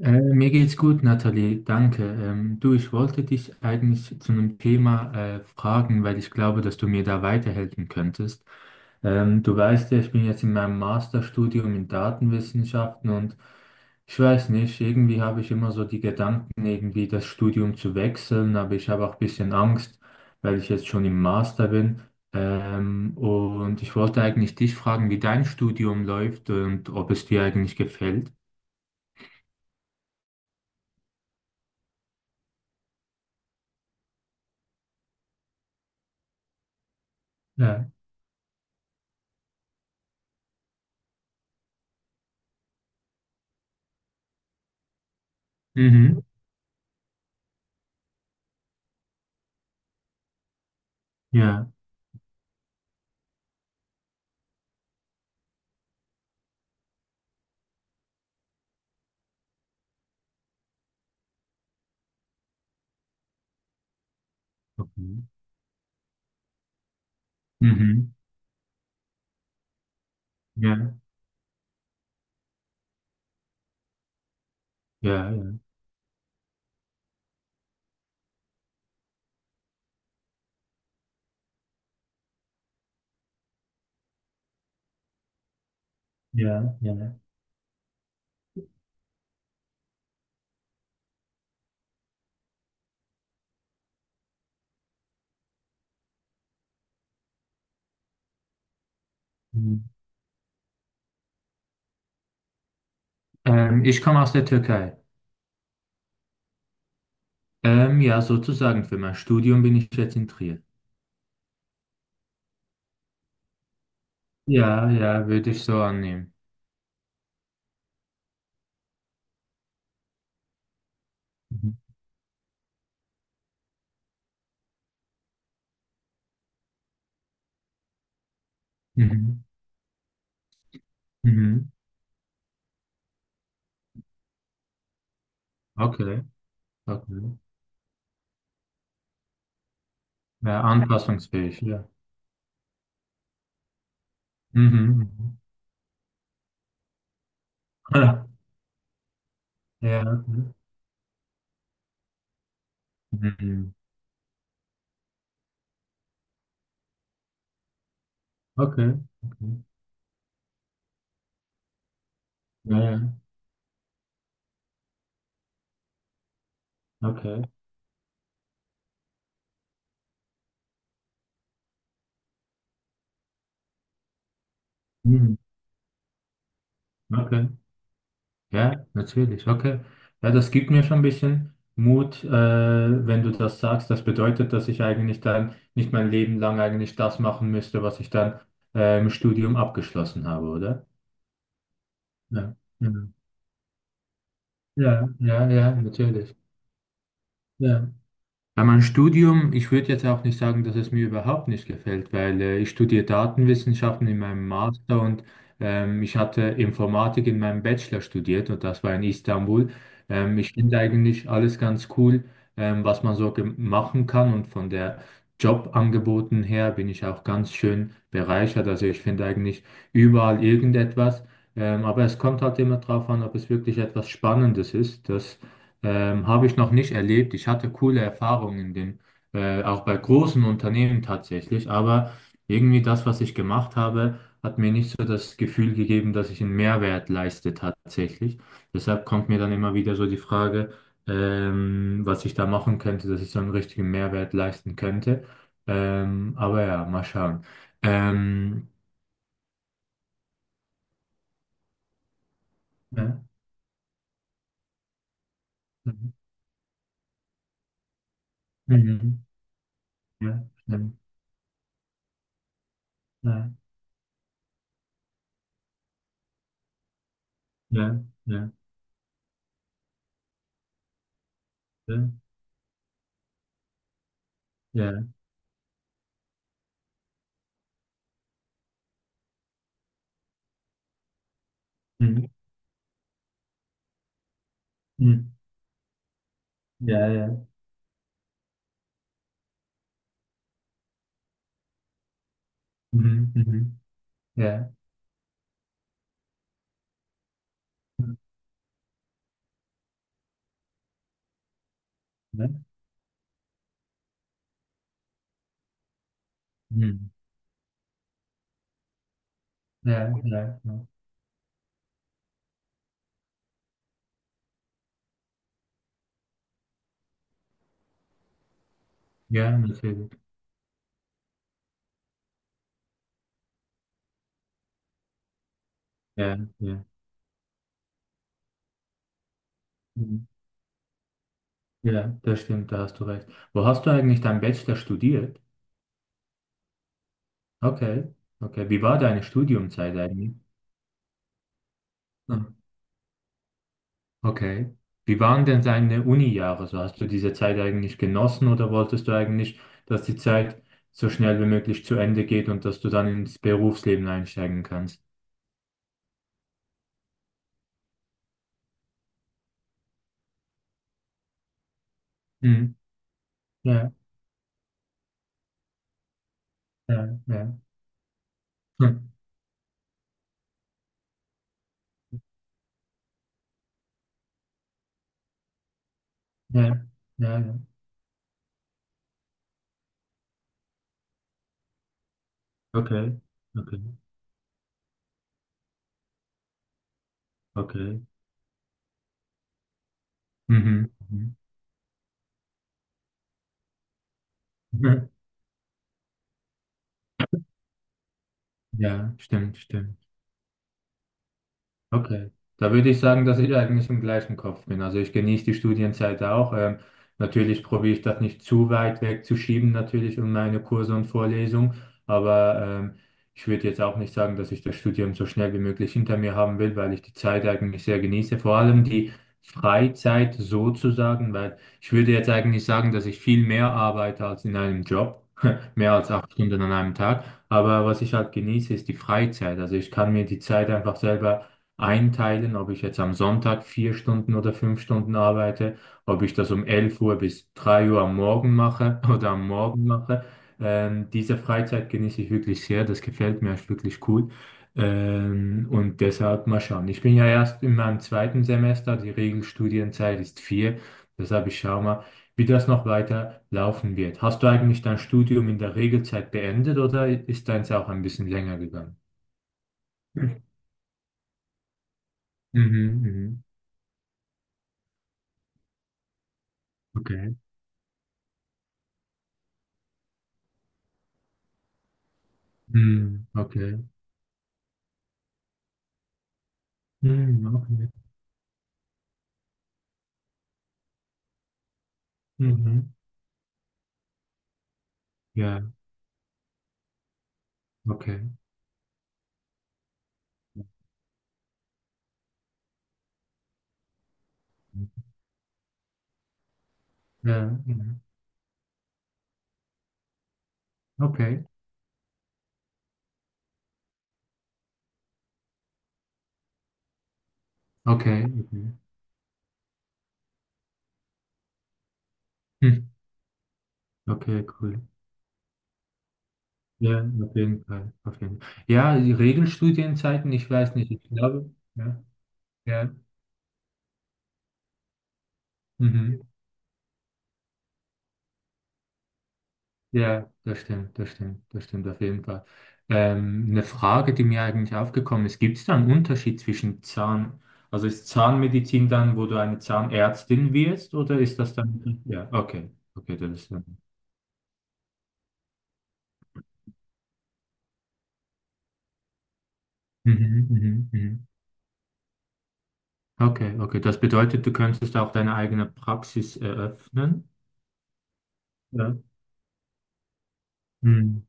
Mir geht's gut, Nathalie, danke. Du, ich wollte dich eigentlich zu einem Thema fragen, weil ich glaube, dass du mir da weiterhelfen könntest. Du weißt ja, ich bin jetzt in meinem Masterstudium in Datenwissenschaften, und ich weiß nicht, irgendwie habe ich immer so die Gedanken, irgendwie das Studium zu wechseln, aber ich habe auch ein bisschen Angst, weil ich jetzt schon im Master bin. Und ich wollte eigentlich dich fragen, wie dein Studium läuft und ob es dir eigentlich gefällt. Ja. Mhm. Ja, okay. Mhm. Ja, ja, ja, ja, ja. Mhm. Ich komme aus der Türkei. Ja, sozusagen für mein Studium bin ich jetzt in Trier. Ja, ja, würde ich so annehmen. Mhm. Mhm. Mhm. Okay, okay. Ja, anpassungsfähig, ja. Mhm, mhm. Ja. Mhm. Okay. Okay. Ja, ja. Okay. Mhm. Okay. Ja, natürlich, okay. Ja, das gibt mir schon ein bisschen Mut, wenn du das sagst. Das bedeutet, dass ich eigentlich dann nicht mein Leben lang eigentlich das machen müsste, was ich dann im Studium abgeschlossen habe, oder? Ja, ja, ja, ja, ja, natürlich. Ja. Bei meinem Studium, ich würde jetzt auch nicht sagen, dass es mir überhaupt nicht gefällt, weil ich studiere Datenwissenschaften in meinem Master, und ich hatte Informatik in meinem Bachelor studiert, und das war in Istanbul. Ich finde eigentlich alles ganz cool, was man so machen kann und von der Jobangeboten her bin ich auch ganz schön bereichert. Also ich finde eigentlich überall irgendetwas, aber es kommt halt immer drauf an, ob es wirklich etwas Spannendes ist. Habe ich noch nicht erlebt. Ich hatte coole Erfahrungen in den, auch bei großen Unternehmen tatsächlich, aber irgendwie das, was ich gemacht habe, hat mir nicht so das Gefühl gegeben, dass ich einen Mehrwert leiste tatsächlich. Deshalb kommt mir dann immer wieder so die Frage, was ich da machen könnte, dass ich so einen richtigen Mehrwert leisten könnte. Aber ja, mal schauen. Ähm, ja, mhm, ja, ja, ja, ja, ja, ja, ja. Mhm, mhm. Ja, ja, mhm, mhm. Ja. Mhm. Ja. Mhm. Ja, ja, ja. Ja, natürlich. Ja, ja. Mhm. Ja, das stimmt, da hast du recht. Wo hast du eigentlich dein Bachelor studiert? Okay, okay. Wie war deine Studiumzeit eigentlich? Mhm. Okay. Wie waren denn deine Uni-Jahre? So hast du diese Zeit eigentlich genossen oder wolltest du eigentlich, dass die Zeit so schnell wie möglich zu Ende geht und dass du dann ins Berufsleben einsteigen kannst? Mhm. Ja, ja, ja. Hm. Ja, ja, ja. Okay. Okay. Okay. Mhm. Mhm. Ja, stimmt, stimmt. Okay, da würde ich sagen, dass ich eigentlich im gleichen Kopf bin. Also ich genieße die Studienzeit auch. Natürlich probiere ich das nicht zu weit wegzuschieben, natürlich um meine Kurse und Vorlesungen. Aber ich würde jetzt auch nicht sagen, dass ich das Studium so schnell wie möglich hinter mir haben will, weil ich die Zeit eigentlich sehr genieße. Vor allem die Freizeit sozusagen, weil ich würde jetzt eigentlich sagen, dass ich viel mehr arbeite als in einem Job. Mehr als 8 Stunden an einem Tag. Aber was ich halt genieße, ist die Freizeit. Also ich kann mir die Zeit einfach selber einteilen, ob ich jetzt am Sonntag 4 Stunden oder 5 Stunden arbeite, ob ich das um 11 Uhr bis 3 Uhr am Morgen mache oder am Morgen mache. Diese Freizeit genieße ich wirklich sehr, das gefällt mir, ist wirklich cool. Und deshalb mal schauen. Ich bin ja erst in meinem zweiten Semester, die Regelstudienzeit ist vier, deshalb ich schaue mal, wie das noch weiter laufen wird. Hast du eigentlich dein Studium in der Regelzeit beendet oder ist deins auch ein bisschen länger gegangen? Mhm, mhm. Okay. Mhm, okay. Mhm, okay. Mhm. Ja, okay. Ja, ja. Okay. Okay, okay. Hm. Okay, cool. Ja, auf jeden Fall. Auf jeden Fall. Ja, die Regelstudienzeiten, ich weiß nicht, ich glaube. Ja, ja. Mhm. Ja, das stimmt, das stimmt, das stimmt auf jeden Fall. Eine Frage, die mir eigentlich aufgekommen ist, gibt es da einen Unterschied zwischen Zahn, also ist Zahnmedizin dann, wo du eine Zahnärztin wirst, oder ist das dann, ja, okay, okay, das ist dann. Mhm, mhm, mhm. Okay, okay. Das bedeutet, du könntest auch deine eigene Praxis eröffnen. Ja. Mhm.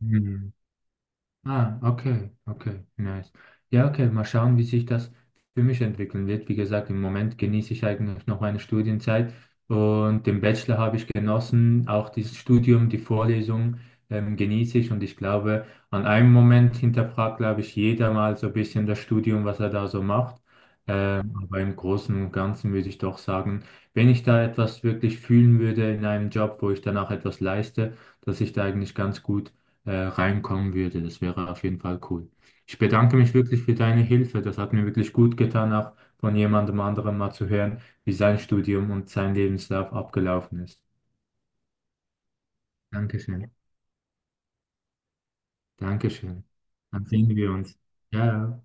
Mhm. Ah, okay, okay, nice. Ja, okay, mal schauen, wie sich das für mich entwickeln wird. Wie gesagt, im Moment genieße ich eigentlich noch meine Studienzeit und den Bachelor habe ich genossen, auch dieses Studium, die Vorlesung genieße ich und ich glaube, an einem Moment hinterfragt, glaube ich, jeder mal so ein bisschen das Studium, was er da so macht. Aber im Großen und Ganzen würde ich doch sagen, wenn ich da etwas wirklich fühlen würde in einem Job, wo ich danach etwas leiste, dass ich da eigentlich ganz gut reinkommen würde. Das wäre auf jeden Fall cool. Ich bedanke mich wirklich für deine Hilfe. Das hat mir wirklich gut getan, auch von jemandem anderem mal zu hören, wie sein Studium und sein Lebenslauf abgelaufen ist. Dankeschön. Dankeschön. Dann sehen wir uns. Ja.